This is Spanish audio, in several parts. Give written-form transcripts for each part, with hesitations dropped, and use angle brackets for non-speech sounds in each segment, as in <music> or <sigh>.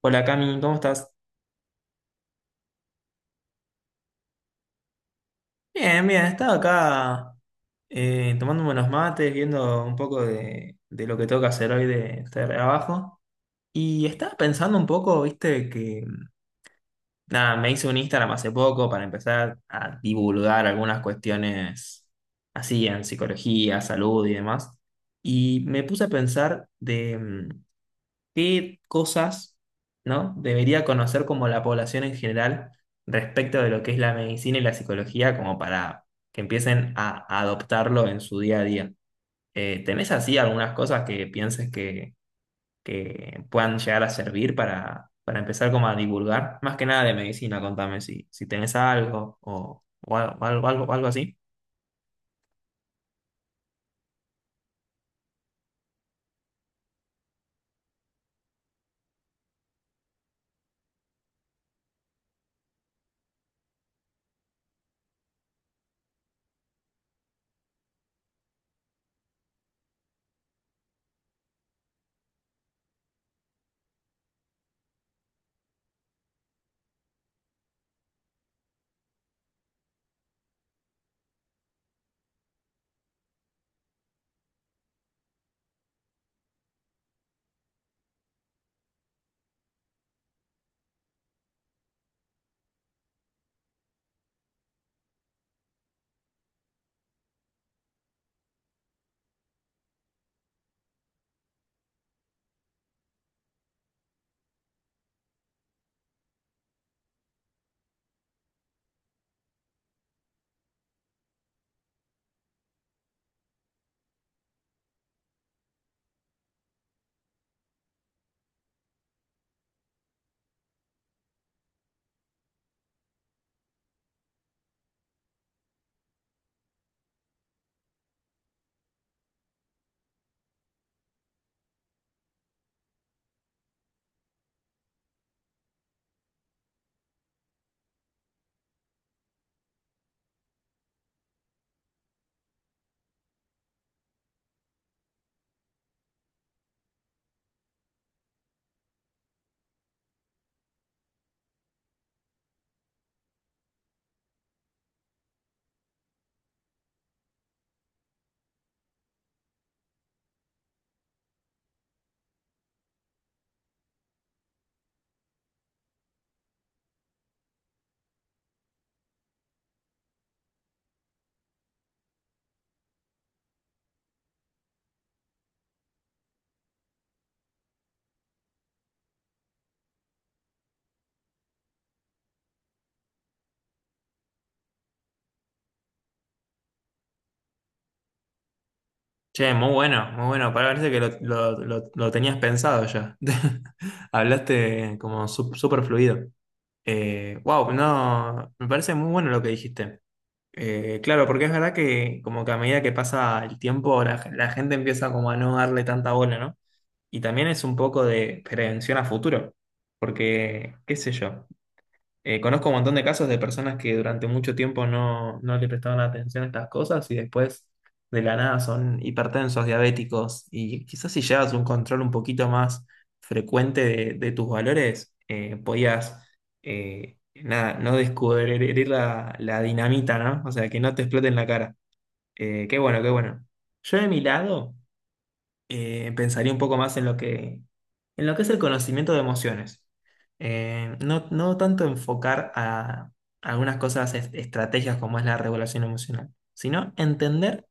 Hola Cami, ¿cómo estás? Bien, bien, estaba acá tomándome unos mates, viendo un poco de lo que tengo que hacer hoy de trabajo. Y estaba pensando un poco, viste, que nada, me hice un Instagram hace poco para empezar a divulgar algunas cuestiones así en psicología, salud y demás. Y me puse a pensar de ¿qué cosas, ¿no? debería conocer como la población en general respecto de lo que es la medicina y la psicología como para que empiecen a adoptarlo en su día a día? ¿Tenés así algunas cosas que pienses que puedan llegar a servir para empezar como a divulgar? Más que nada de medicina, contame si tenés algo o algo, algo así. Che, muy bueno, muy bueno. Parece que lo tenías pensado ya. <laughs> Hablaste como súper fluido. Wow, no, me parece muy bueno lo que dijiste. Claro, porque es verdad que como que a medida que pasa el tiempo, la gente empieza como a no darle tanta bola, ¿no? Y también es un poco de prevención a futuro, porque, qué sé yo. Conozco un montón de casos de personas que durante mucho tiempo no le prestaban atención a estas cosas y después de la nada son hipertensos, diabéticos y quizás si llevas un control un poquito más frecuente de tus valores, podías, nada, no descubrir la dinamita, ¿no? O sea, que no te explote en la cara. Qué bueno, qué bueno. Yo de mi lado pensaría un poco más en lo en lo que es el conocimiento de emociones. No tanto enfocar a algunas cosas, estrategias como es la regulación emocional, sino entender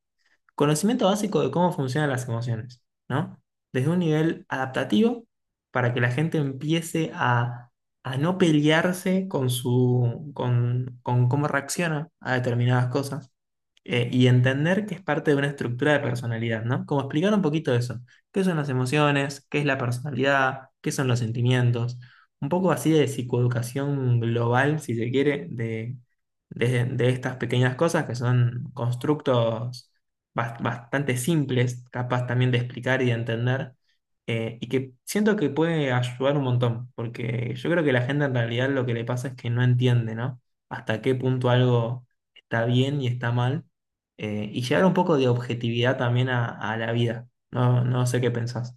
conocimiento básico de cómo funcionan las emociones, ¿no? Desde un nivel adaptativo, para que la gente empiece a no pelearse con su, con cómo reacciona a determinadas cosas y entender que es parte de una estructura de personalidad, ¿no? Como explicar un poquito eso. ¿Qué son las emociones? ¿Qué es la personalidad? ¿Qué son los sentimientos? Un poco así de psicoeducación global, si se quiere, de estas pequeñas cosas que son constructos bastante simples, capaz también de explicar y de entender, y que siento que puede ayudar un montón, porque yo creo que la gente en realidad lo que le pasa es que no entiende, ¿no? Hasta qué punto algo está bien y está mal, y llevar un poco de objetividad también a la vida. No, no sé qué pensás.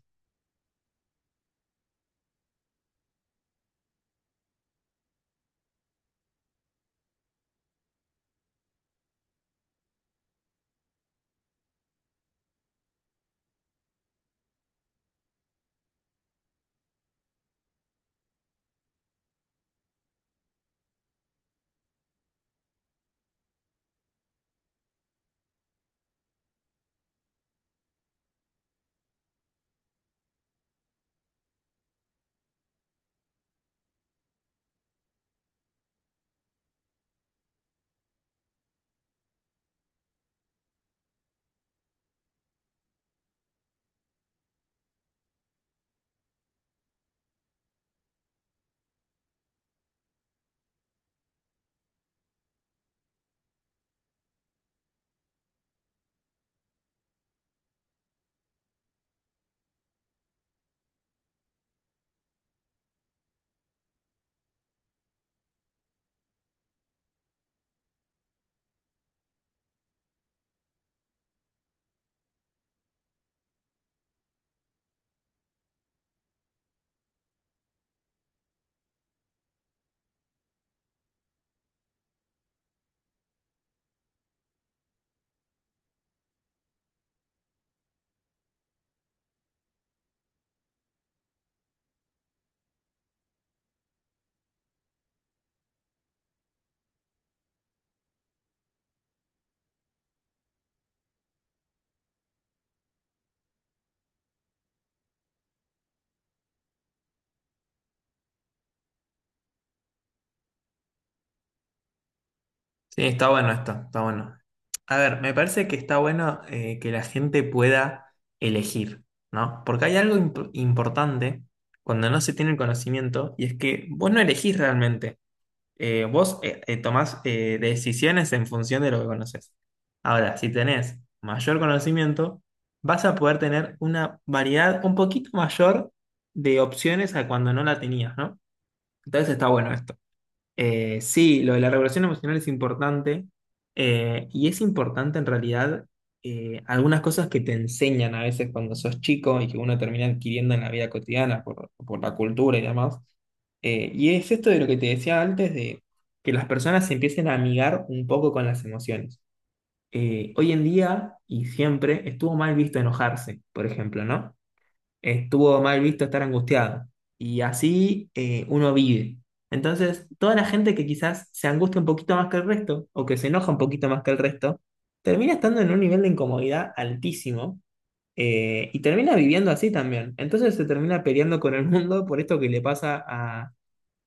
Sí, está bueno esto, está bueno. A ver, me parece que está bueno que la gente pueda elegir, ¿no? Porque hay algo importante cuando no se tiene el conocimiento y es que vos no elegís realmente. Vos Tomás decisiones en función de lo que conoces. Ahora, si tenés mayor conocimiento, vas a poder tener una variedad un poquito mayor de opciones a cuando no la tenías, ¿no? Entonces está bueno esto. Sí, lo de la regulación emocional es importante y es importante en realidad algunas cosas que te enseñan a veces cuando sos chico y que uno termina adquiriendo en la vida cotidiana por la cultura y demás. Y es esto de lo que te decía antes, de que las personas se empiecen a amigar un poco con las emociones. Hoy en día y siempre estuvo mal visto enojarse, por ejemplo, ¿no? Estuvo mal visto estar angustiado. Y así uno vive. Entonces, toda la gente que quizás se angustia un poquito más que el resto, o que se enoja un poquito más que el resto, termina estando en un nivel de incomodidad altísimo y termina viviendo así también. Entonces se termina peleando con el mundo por esto que le pasa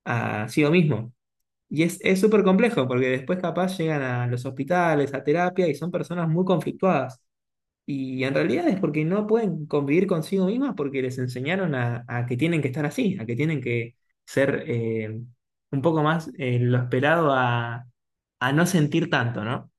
a sí mismo. Y es súper complejo, porque después capaz llegan a los hospitales, a terapia, y son personas muy conflictuadas. Y en realidad es porque no pueden convivir consigo mismas porque les enseñaron a que tienen que estar así, a que tienen que ser un poco más lo esperado a no sentir tanto, ¿no?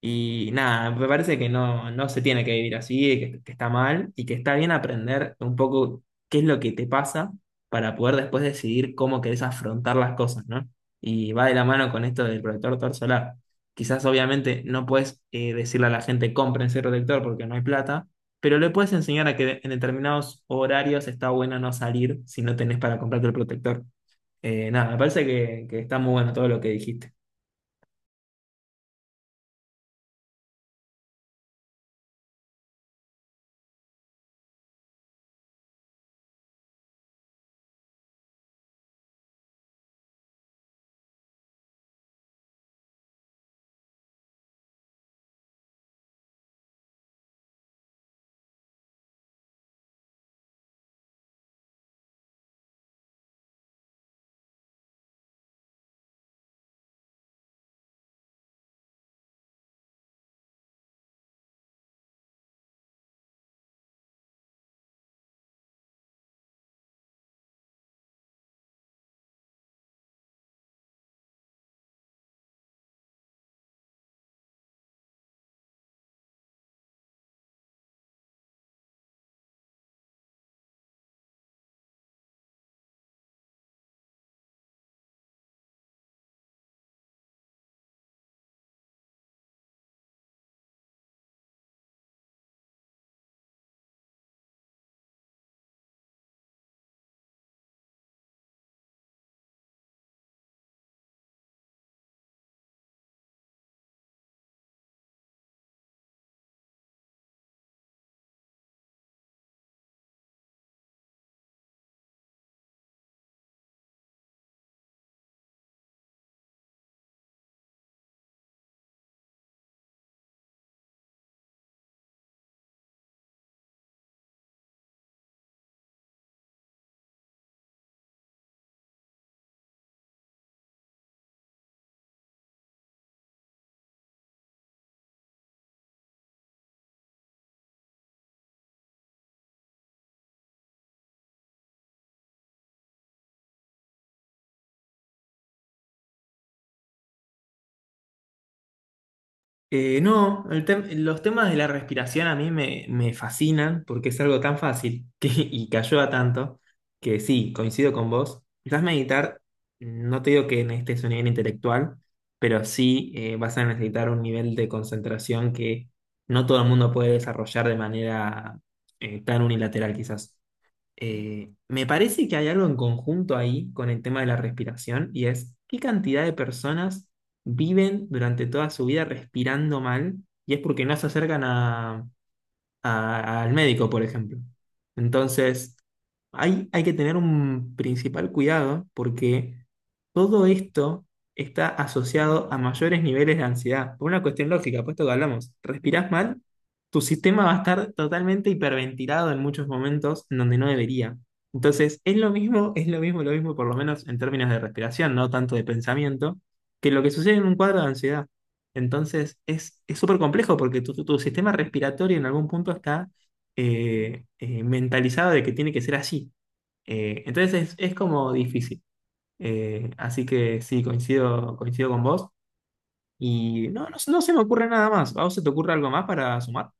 Y nada, me parece que no, no se tiene que vivir así, que está mal y que está bien aprender un poco qué es lo que te pasa para poder después decidir cómo querés afrontar las cosas, ¿no? Y va de la mano con esto del protector tor solar. Quizás obviamente no puedes decirle a la gente cómprense protector porque no hay plata, pero le puedes enseñar a que en determinados horarios está bueno no salir si no tenés para comprarte el protector. Nada, me parece que está muy bueno todo lo que dijiste. No, El los temas de la respiración a mí me, me fascinan porque es algo tan fácil <laughs> que, y que ayuda tanto que sí, coincido con vos. Quizás meditar, no te digo que necesites un nivel intelectual, pero sí vas a necesitar un nivel de concentración que no todo el mundo puede desarrollar de manera tan unilateral quizás. Me parece que hay algo en conjunto ahí con el tema de la respiración y es qué cantidad de personas viven durante toda su vida respirando mal y es porque no se acercan a, al médico, por ejemplo. Entonces, hay que tener un principal cuidado porque todo esto está asociado a mayores niveles de ansiedad, por una cuestión lógica, puesto que hablamos, respirás mal, tu sistema va a estar totalmente hiperventilado en muchos momentos en donde no debería. Entonces, es lo mismo, por lo menos en términos de respiración, no tanto de pensamiento, que lo que sucede en un cuadro de ansiedad. Entonces es súper complejo porque tu, tu sistema respiratorio en algún punto está mentalizado de que tiene que ser así. Entonces es como difícil. Así que sí, coincido, coincido con vos. Y no, no, no se me ocurre nada más. ¿A vos se te ocurre algo más para sumar?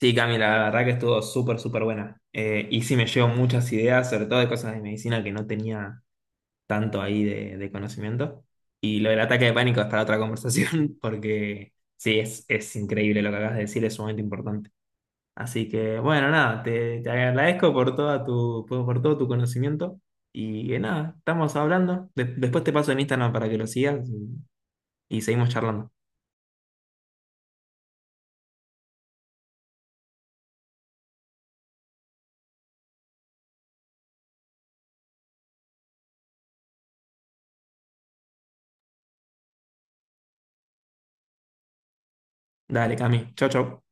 Sí, Cami, la verdad que estuvo súper, súper buena. Y sí me llevo muchas ideas, sobre todo de cosas de medicina que no tenía tanto ahí de conocimiento. Y lo del ataque de pánico es para otra conversación, <laughs> porque sí, es increíble lo que acabas de decir, es sumamente importante. Así que, bueno, nada, te agradezco por toda tu, por todo tu conocimiento. Y que nada, estamos hablando. Después te paso en Instagram para que lo sigas y seguimos charlando. Dale, Cami. Chau, chau.